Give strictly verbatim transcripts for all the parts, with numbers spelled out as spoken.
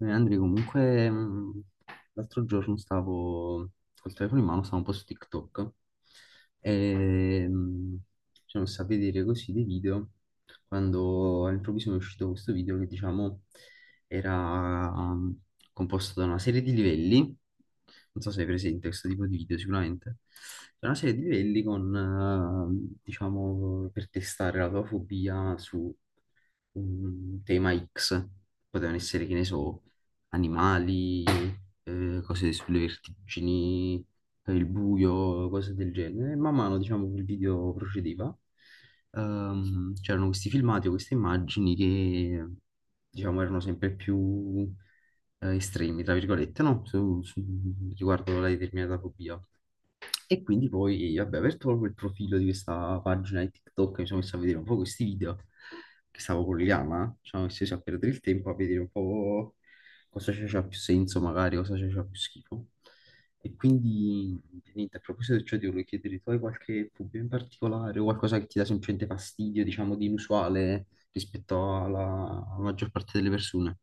Eh, Andri, comunque, mh, l'altro giorno stavo col telefono in mano, stavo un po' su TikTok e mh, ci sono messo a vedere così dei video quando all'improvviso mi è uscito questo video che, diciamo, era mh, composto da una serie di livelli, non so se hai presente questo tipo di video sicuramente. C'è una serie di livelli con, eh, diciamo, per testare la tua fobia su un tema X. Potevano essere, che ne so, animali, eh, cose sulle vertigini, per il buio, cose del genere. E man mano, diciamo, che il video procedeva, ehm, c'erano questi filmati o queste immagini che, diciamo, erano sempre più eh, estremi, tra virgolette, no? Su- su- riguardo alla determinata fobia. E quindi poi, vabbè, ho aperto proprio il profilo di questa pagina di TikTok, e mi sono messo a vedere un po' questi video che stavo collegando, ci sono messo a perdere il tempo a vedere un po' cosa c'è più senso magari, cosa c'è più schifo. E quindi, niente, a proposito di ciò, ti volevo chiedere, tu hai qualche dubbio in particolare o qualcosa che ti dà semplicemente fastidio, diciamo, di inusuale rispetto alla alla maggior parte delle persone?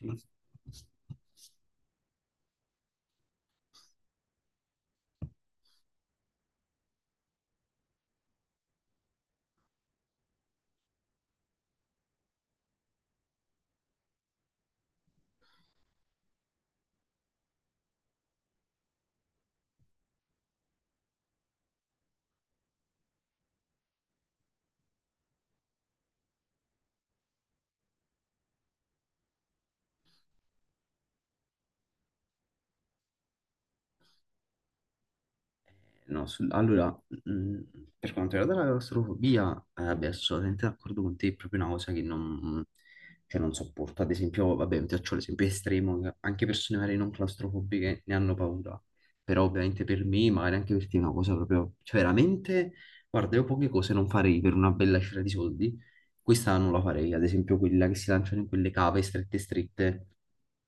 Sì. No, sul- allora, mh, per quanto riguarda la claustrofobia, eh, beh, sono assolutamente d'accordo con te, è proprio una cosa che non, cioè, non sopporto. Ad esempio, vabbè, ti faccio l'esempio estremo, che anche persone magari non claustrofobiche ne hanno paura, però ovviamente per me, magari anche per te è una cosa proprio, cioè veramente, guarda, io poche cose non farei per una bella cifra di soldi, questa non la farei, ad esempio quella che si lanciano in quelle cave strette strette,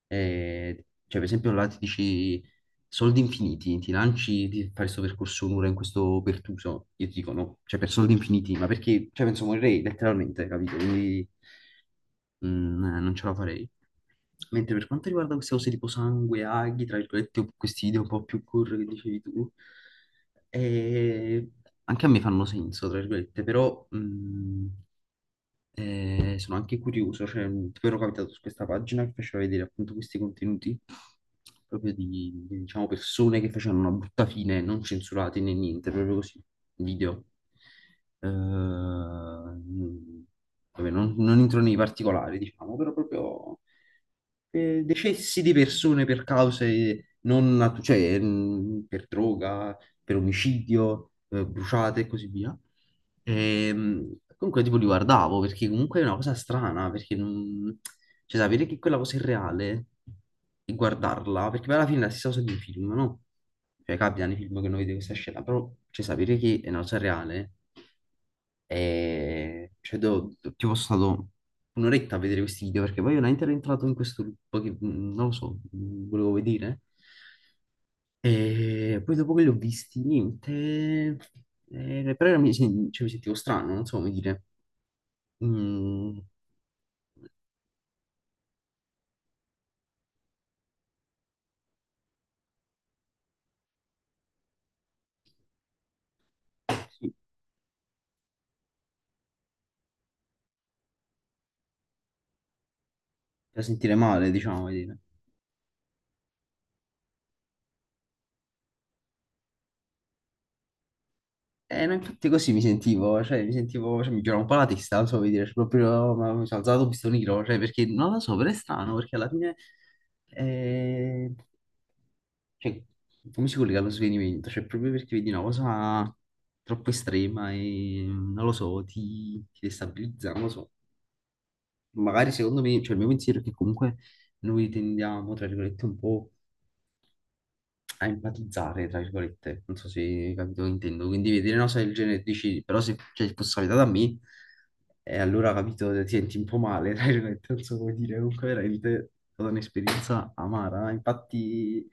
eh, cioè, per esempio, là ti dici soldi infiniti, ti lanci di fare questo percorso un'ora in questo pertuso. Io ti dico no, cioè per soldi infiniti, ma perché, cioè, penso morirei letteralmente, capito? Quindi mm, eh, non ce la farei. Mentre per quanto riguarda queste cose tipo sangue, aghi, tra virgolette, o questi video un po' più curri che dicevi tu, eh, anche a me fanno senso, tra virgolette, però... mm, e sono anche curioso, cioè, tipo ero capitato su questa pagina che faceva vedere appunto questi contenuti proprio di, di, diciamo, persone che facevano una brutta fine, non censurati né niente, proprio così, video. Ehm, Vabbè, non, non entro nei particolari, diciamo, però proprio eh, decessi di persone per cause non, nat- cioè, mh, per droga, per omicidio, eh, bruciate e così via. Ehm, comunque tipo li guardavo perché comunque è una cosa strana, perché non... cioè, sapere che quella cosa è reale e guardarla, perché poi alla fine è la stessa cosa di un film, no? Cioè capita nei film che noi vediamo questa scena, però cioè, sapere che è una cosa reale. E cioè, do- do- tipo, sono stato un'oretta a vedere questi video perché poi io veramente ero entrato in questo loop che mm, non lo so, mm, volevo vedere. E poi dopo che li ho visti, niente, eh, però era- mi, sen- cioè, mi sentivo strano, non so come dire. Mm. Sì, da sentire male, diciamo, come dire. Eh, no, infatti così mi sentivo, cioè mi sentivo, cioè mi girava un po' la testa, non so come dire, cioè, proprio no, ma mi sono alzato un pistone nero, cioè perché non lo so, però è strano, perché alla fine, eh, cioè, come si collega allo svenimento? Cioè proprio perché vedi una cosa troppo estrema e non lo so, ti, ti destabilizza, non lo so. Magari secondo me, cioè il mio pensiero è che comunque noi tendiamo, tra virgolette, un po' a empatizzare, tra virgolette, non so se hai capito che intendo, quindi vedere una cosa del genere e dici, però se cioè, fosse capitata a me, e allora capito, ti senti un po' male, tra virgolette, non so come dire, comunque veramente è stata un'esperienza amara, infatti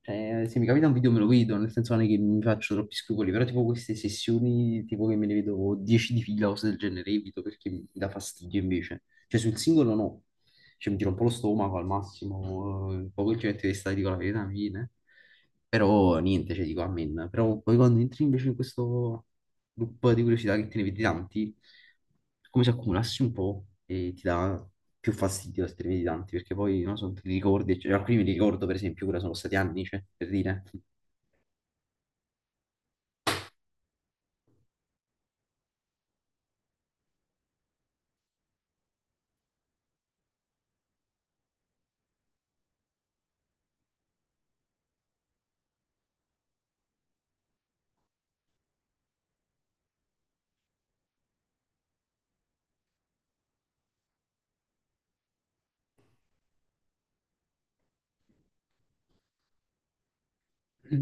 cioè, se mi capita un video me lo vedo, nel senso non è che mi faccio troppi scrupoli, però tipo queste sessioni, tipo che me ne vedo dieci di fila o cose del genere, evito perché mi dà fastidio invece. Cioè sul singolo no, cioè mi tiro un po' lo stomaco al massimo, eh, poi quel gente di stare dico la verità, mi viene. Però niente, cioè dico amen. Però poi quando entri invece in questo loop di curiosità che te ne vedi tanti, come se accumulassi un po' e ti dà più fastidio se te ne vedi tanti, perché poi, non so, te li ricordi, cioè, alcuni mi ricordo, per esempio, ora sono stati anni, cioè, per dire.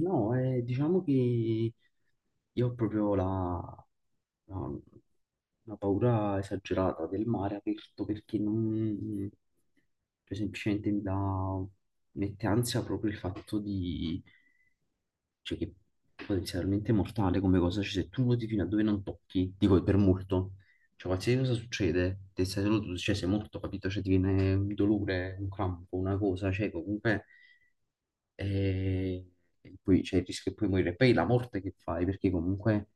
No, eh, diciamo che io ho proprio la, la- una paura esagerata del mare aperto, perché non... cioè, semplicemente mi dà... mette ansia proprio il fatto di... cioè che potenzialmente è mortale come cosa, cioè se tu nuoti fino a dove non tocchi, dico per molto, cioè qualsiasi cosa succede, te stai solo tu, cioè sei morto, capito? Cioè ti viene un dolore, un crampo, una cosa, cioè comunque eh, e poi c'è il rischio che puoi morire. Poi la morte che fai, perché comunque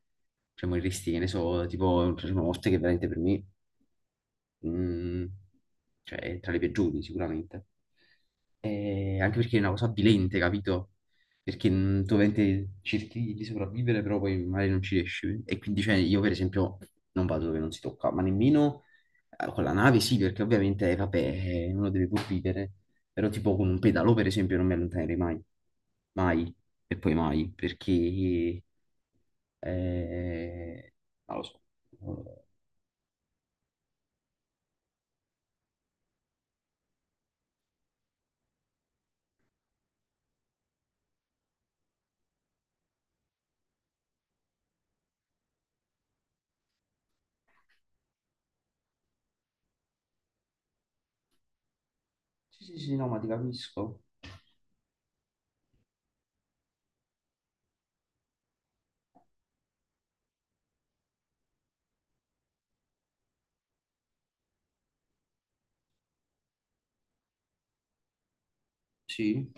cioè, moriresti, che ne so, tipo una morte che veramente per me mm, cioè è tra le peggiori sicuramente. E anche perché è una cosa avvilente, capito? Perché mm, tu ovviamente cerchi di sopravvivere, però poi magari non ci riesci. E quindi cioè, io per esempio non vado dove non si tocca, ma nemmeno eh, con la nave sì, perché ovviamente eh, vabbè, eh, uno deve pur vivere, però tipo con un pedalò per esempio non mi allontanerei mai, mai e poi mai, perché eh, non lo so. Sì, sì, sì, no, ma ti capisco. Sì.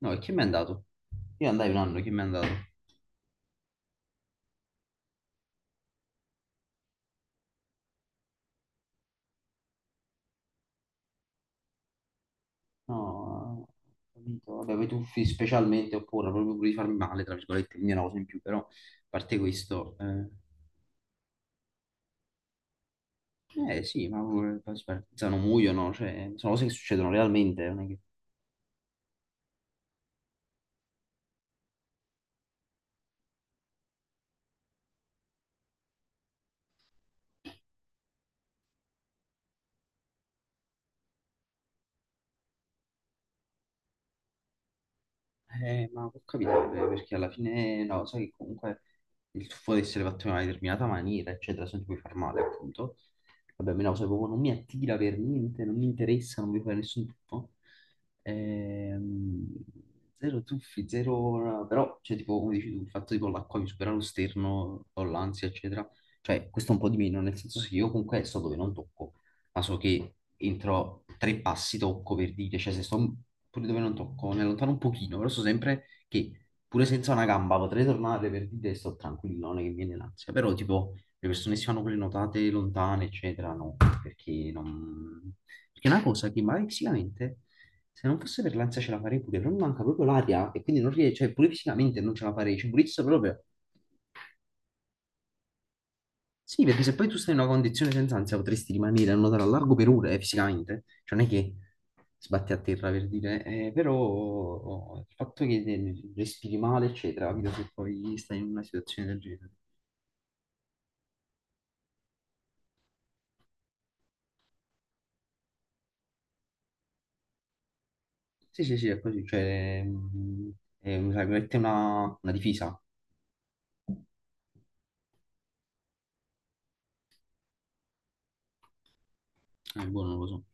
No, e chi mi è andato? Io andai un anno, chi mi è andato? No, ho capito. Vabbè, poi tuffi specialmente, oppure proprio pure di farmi male, tra virgolette, quindi è una cosa in più, però, a parte questo, eh, eh, sì, ma pure- poi si spartizzano, muoiono, cioè, sono cose che succedono realmente, non è che... Eh, ma può capitare, perché alla fine, no, sai che comunque il tuffo deve essere fatto in una determinata maniera, eccetera, se non ti puoi far male, appunto. Vabbè, a me la cosa proprio non mi attira per niente, non mi interessa, non voglio fare nessun tuffo. Ehm, Zero tuffi, zero... Però, cioè, tipo, come dici tu, il fatto tipo l'acqua mi supera lo sterno, ho l'ansia, eccetera. Cioè, questo è un po' di meno, nel senso sì, io comunque so dove non tocco, ma so che entro tre passi tocco per dire, cioè se sto pure dove non tocco, ne allontano un pochino, però so sempre che pure senza una gamba potrei tornare per dire sto tranquillo, non è che mi viene l'ansia. Però, tipo, le persone che si fanno quelle notate lontane, eccetera, no, perché non... Perché è una cosa che magari fisicamente... Se non fosse per l'ansia ce la farei pure, però mi manca proprio l'aria e quindi non riesco, cioè pure fisicamente non ce la farei, ci pulizzo proprio. Sì, perché se poi tu stai in una condizione senza ansia potresti rimanere a nuotare a largo per ore eh, fisicamente, cioè non è che sbatti a terra per dire, eh, però oh, il fatto che eh, respiri male, eccetera, capito se poi stai in una situazione del genere. Sì, sì, sì, è così, cioè, mm, è, tra virgolette, una, una difesa. Eh, boh, non lo so.